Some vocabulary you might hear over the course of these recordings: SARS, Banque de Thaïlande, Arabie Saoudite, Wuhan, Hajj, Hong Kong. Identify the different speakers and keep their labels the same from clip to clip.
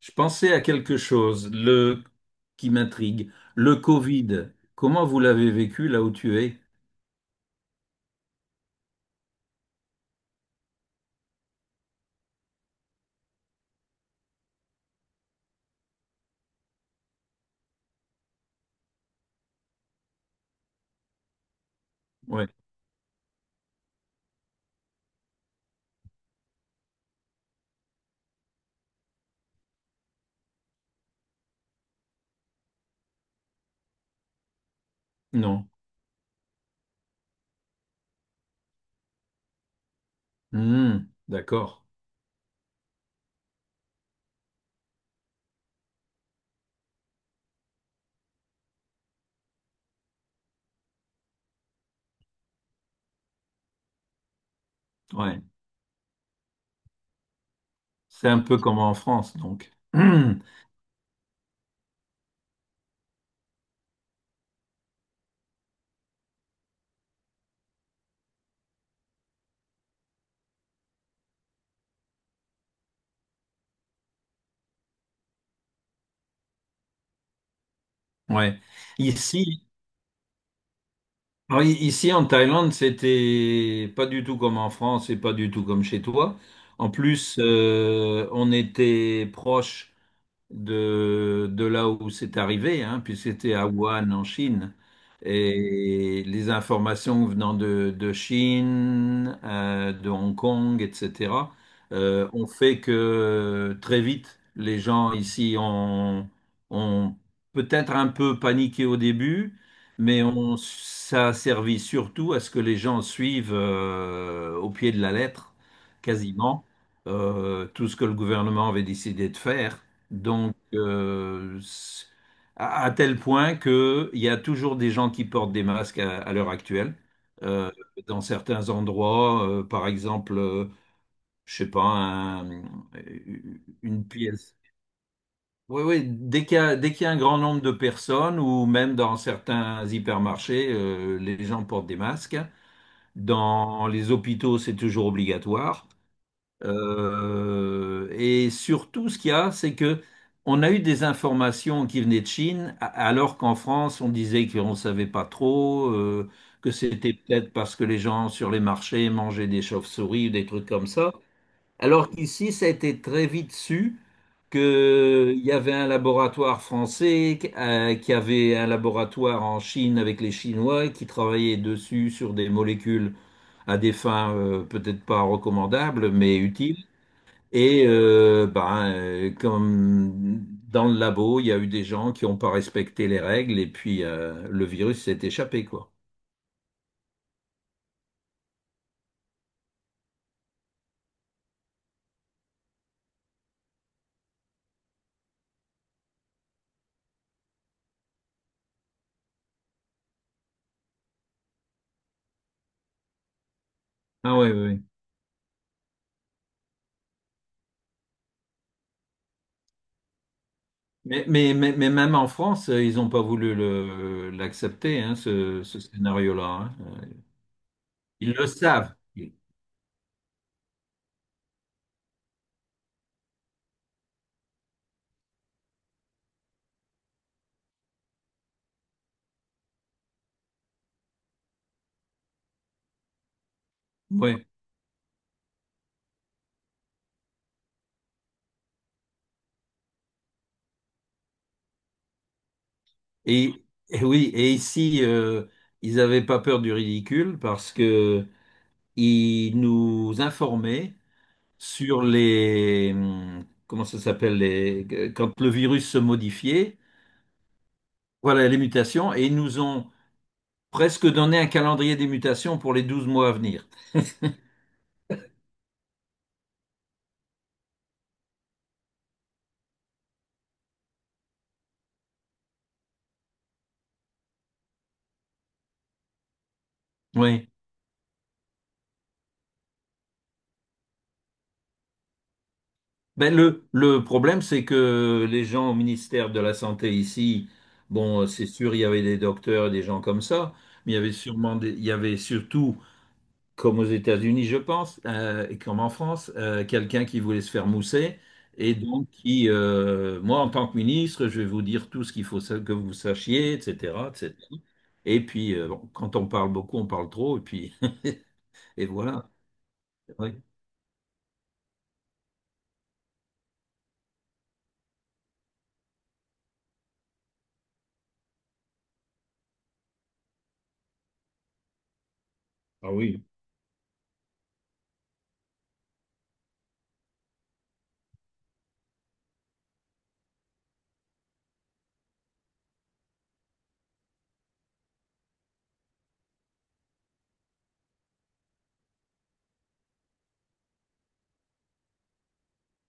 Speaker 1: Je pensais à quelque chose, le qui m'intrigue, le Covid. Comment vous l'avez vécu là où tu es? Ouais, non. Hmm, d'accord. Ouais, c'est un peu comme en France, donc. Hmm, ouais. Ici, alors, ici en Thaïlande, c'était pas du tout comme en France et pas du tout comme chez toi. En plus, on était proche de là où c'est arrivé, hein, puisque c'était à Wuhan en Chine. Et les informations venant de Chine, de Hong Kong, etc., ont fait que très vite, les gens ici ont peut-être un peu paniqué au début, mais ça a servi surtout à ce que les gens suivent, au pied de la lettre, quasiment, tout ce que le gouvernement avait décidé de faire. Donc, à tel point qu'il y a toujours des gens qui portent des masques à l'heure actuelle. Euh, dans certains endroits, par exemple, je sais pas, une pièce. Oui, oui, dès qu'il y a un grand nombre de personnes, ou même dans certains hypermarchés, les gens portent des masques. Dans les hôpitaux, c'est toujours obligatoire. Et surtout, ce qu'il y a, c'est que on a eu des informations qui venaient de Chine, alors qu'en France, on disait qu'on ne savait pas trop, que c'était peut-être parce que les gens sur les marchés mangeaient des chauves-souris ou des trucs comme ça. Alors qu'ici, ça a été très vite su qu'il y avait un laboratoire français, qui avait un laboratoire en Chine avec les Chinois qui travaillaient dessus sur des molécules à des fins, peut-être pas recommandables, mais utiles. Et, ben, comme dans le labo, il y a eu des gens qui n'ont pas respecté les règles et puis le virus s'est échappé, quoi. Ah ouais, ouais, ouais. Mais même en France, ils n'ont pas voulu l'accepter, hein, ce scénario-là. Hein. Euh, Ils le savent. Ouais. Et, et oui, et ici, ils n'avaient pas peur du ridicule parce que ils nous informaient sur les, comment ça s'appelle, les, quand le virus se modifiait, voilà les mutations, et ils nous ont presque donné un calendrier des mutations pour les 12 mois à venir. Oui. Ben le problème, c'est que les gens au ministère de la Santé ici, bon, c'est sûr, il y avait des docteurs et des gens comme ça, mais il y avait sûrement il y avait surtout comme aux États-Unis, je pense, et comme en France, quelqu'un qui voulait se faire mousser. Et donc, qui, moi, en tant que ministre, je vais vous dire tout ce qu'il faut que vous sachiez, etc., et cetera. Et puis, bon, quand on parle beaucoup, on parle trop, et puis, et voilà. Oui. Ah oui,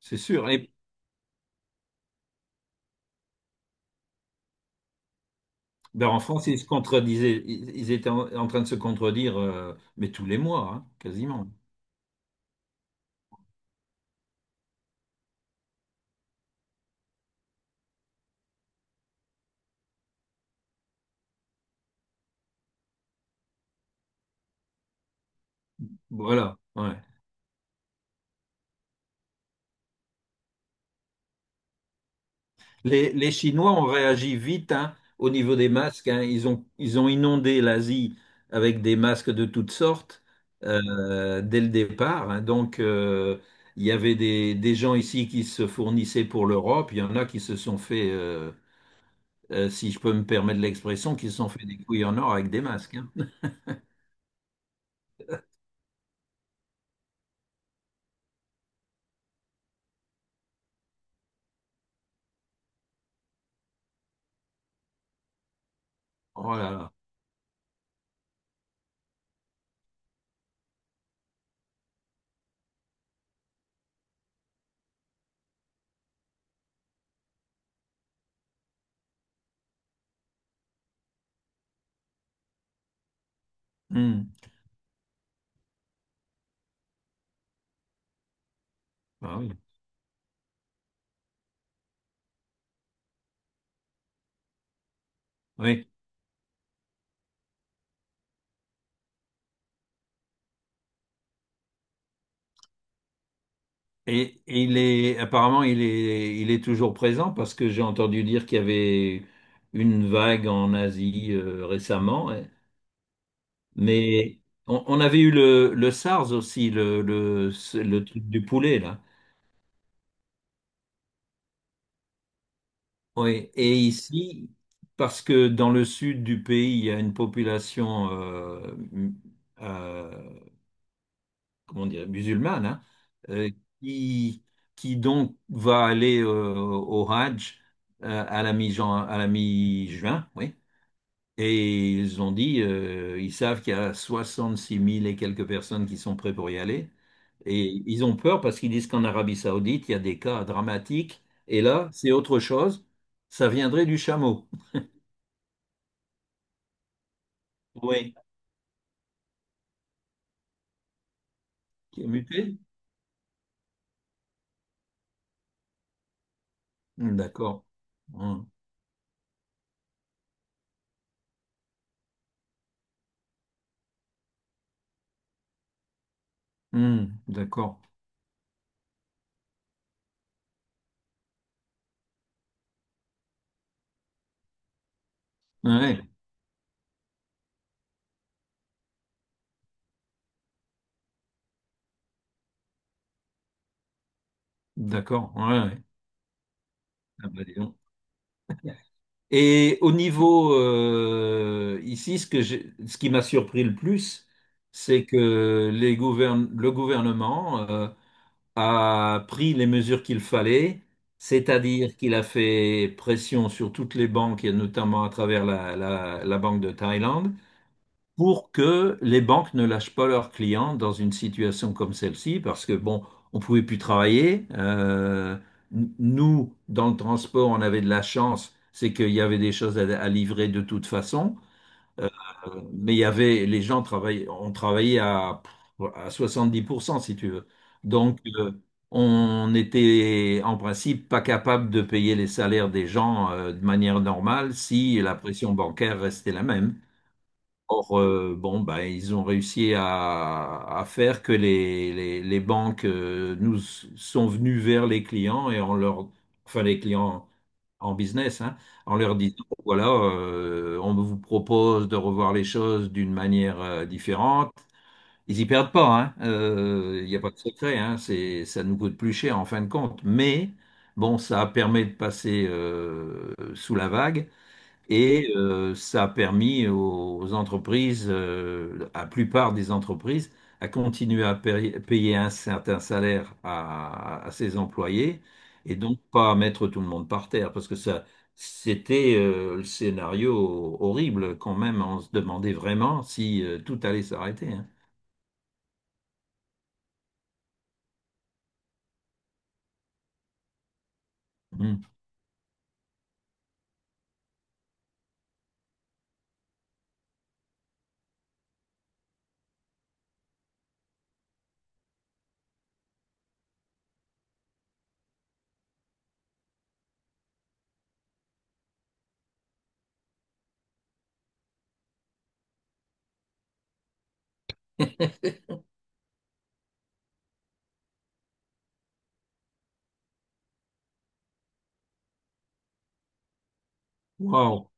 Speaker 1: c'est sûr. Et ben, en France, ils se contredisaient, ils étaient en train de se contredire, mais tous les mois, hein, quasiment. Voilà. Ouais. Les Chinois ont réagi vite, hein, au niveau des masques. Hein. Ils ont inondé l'Asie avec des masques de toutes sortes, dès le départ. Hein. Donc, il y avait des gens ici qui se fournissaient pour l'Europe. Il y en a qui se sont fait, si je peux me permettre l'expression, qui se sont fait des couilles en or avec des masques. Hein. Oh là là. Hmm. Ah oui. Oui. Et il est apparemment il est toujours présent parce que j'ai entendu dire qu'il y avait une vague en Asie, récemment. Ouais. Mais on avait eu le SARS aussi, le truc du poulet là. Oui. Et ici, parce que dans le sud du pays, il y a une population, euh, comment dire, musulmane, hein, euh, qui, qui donc va aller, au Hajj, à la mi-juin, oui. Et ils ont dit, ils savent qu'il y a 66 000 et quelques personnes qui sont prêtes pour y aller. Et ils ont peur parce qu'ils disent qu'en Arabie Saoudite, il y a des cas dramatiques. Et là, c'est autre chose. Ça viendrait du chameau. Oui. Qui est muté? Hmm, d'accord. Hum. D'accord. Ouais. D'accord. Ouais, ouais. Ah bah dis donc. Et au niveau, ici, ce qui m'a surpris le plus, c'est que le gouvernement a pris les mesures qu'il fallait, c'est-à-dire qu'il a fait pression sur toutes les banques, et notamment à travers la Banque de Thaïlande, pour que les banques ne lâchent pas leurs clients dans une situation comme celle-ci, parce que bon, on pouvait plus travailler. Nous, dans le transport, on avait de la chance, c'est qu'il y avait des choses à livrer de toute façon. Euh, mais il y avait les gens travaillaient, on travaillait à 70% si tu veux. Donc on était en principe pas capable de payer les salaires des gens, de manière normale si la pression bancaire restait la même. Or, bon, ben, ils ont réussi à faire que les banques, sont venues vers les clients et en leur, enfin les clients en business, hein, en leur disant, voilà, on vous propose de revoir les choses d'une manière, différente. Ils y perdent pas, hein, il n'y a pas de secret, hein, c'est, ça nous coûte plus cher en fin de compte. Mais bon, ça permet de passer, sous la vague. Et ça a permis aux entreprises, à la plupart des entreprises, à continuer à payer un certain salaire à ses employés et donc pas mettre tout le monde par terre parce que ça, c'était, le scénario horrible quand même. On se demandait vraiment si tout allait s'arrêter. Hein. Mm. Wow.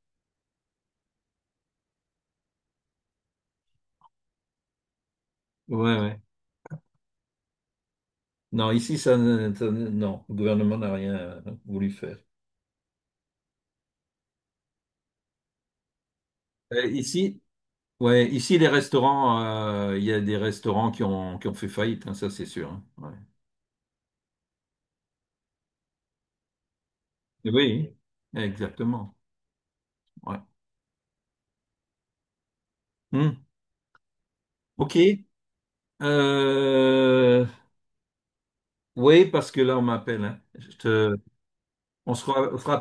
Speaker 1: Ouais, ouais. Non, ici, ça ne- non, le gouvernement n'a rien voulu faire. Euh, ici, Ouais, ici les restaurants, il y a des restaurants qui ont fait faillite, hein, ça c'est sûr. Hein. Ouais. Oui, exactement. Ouais. Hmm. Ok. Euh, oui, parce que là on m'appelle. Hein. Je te... On se fera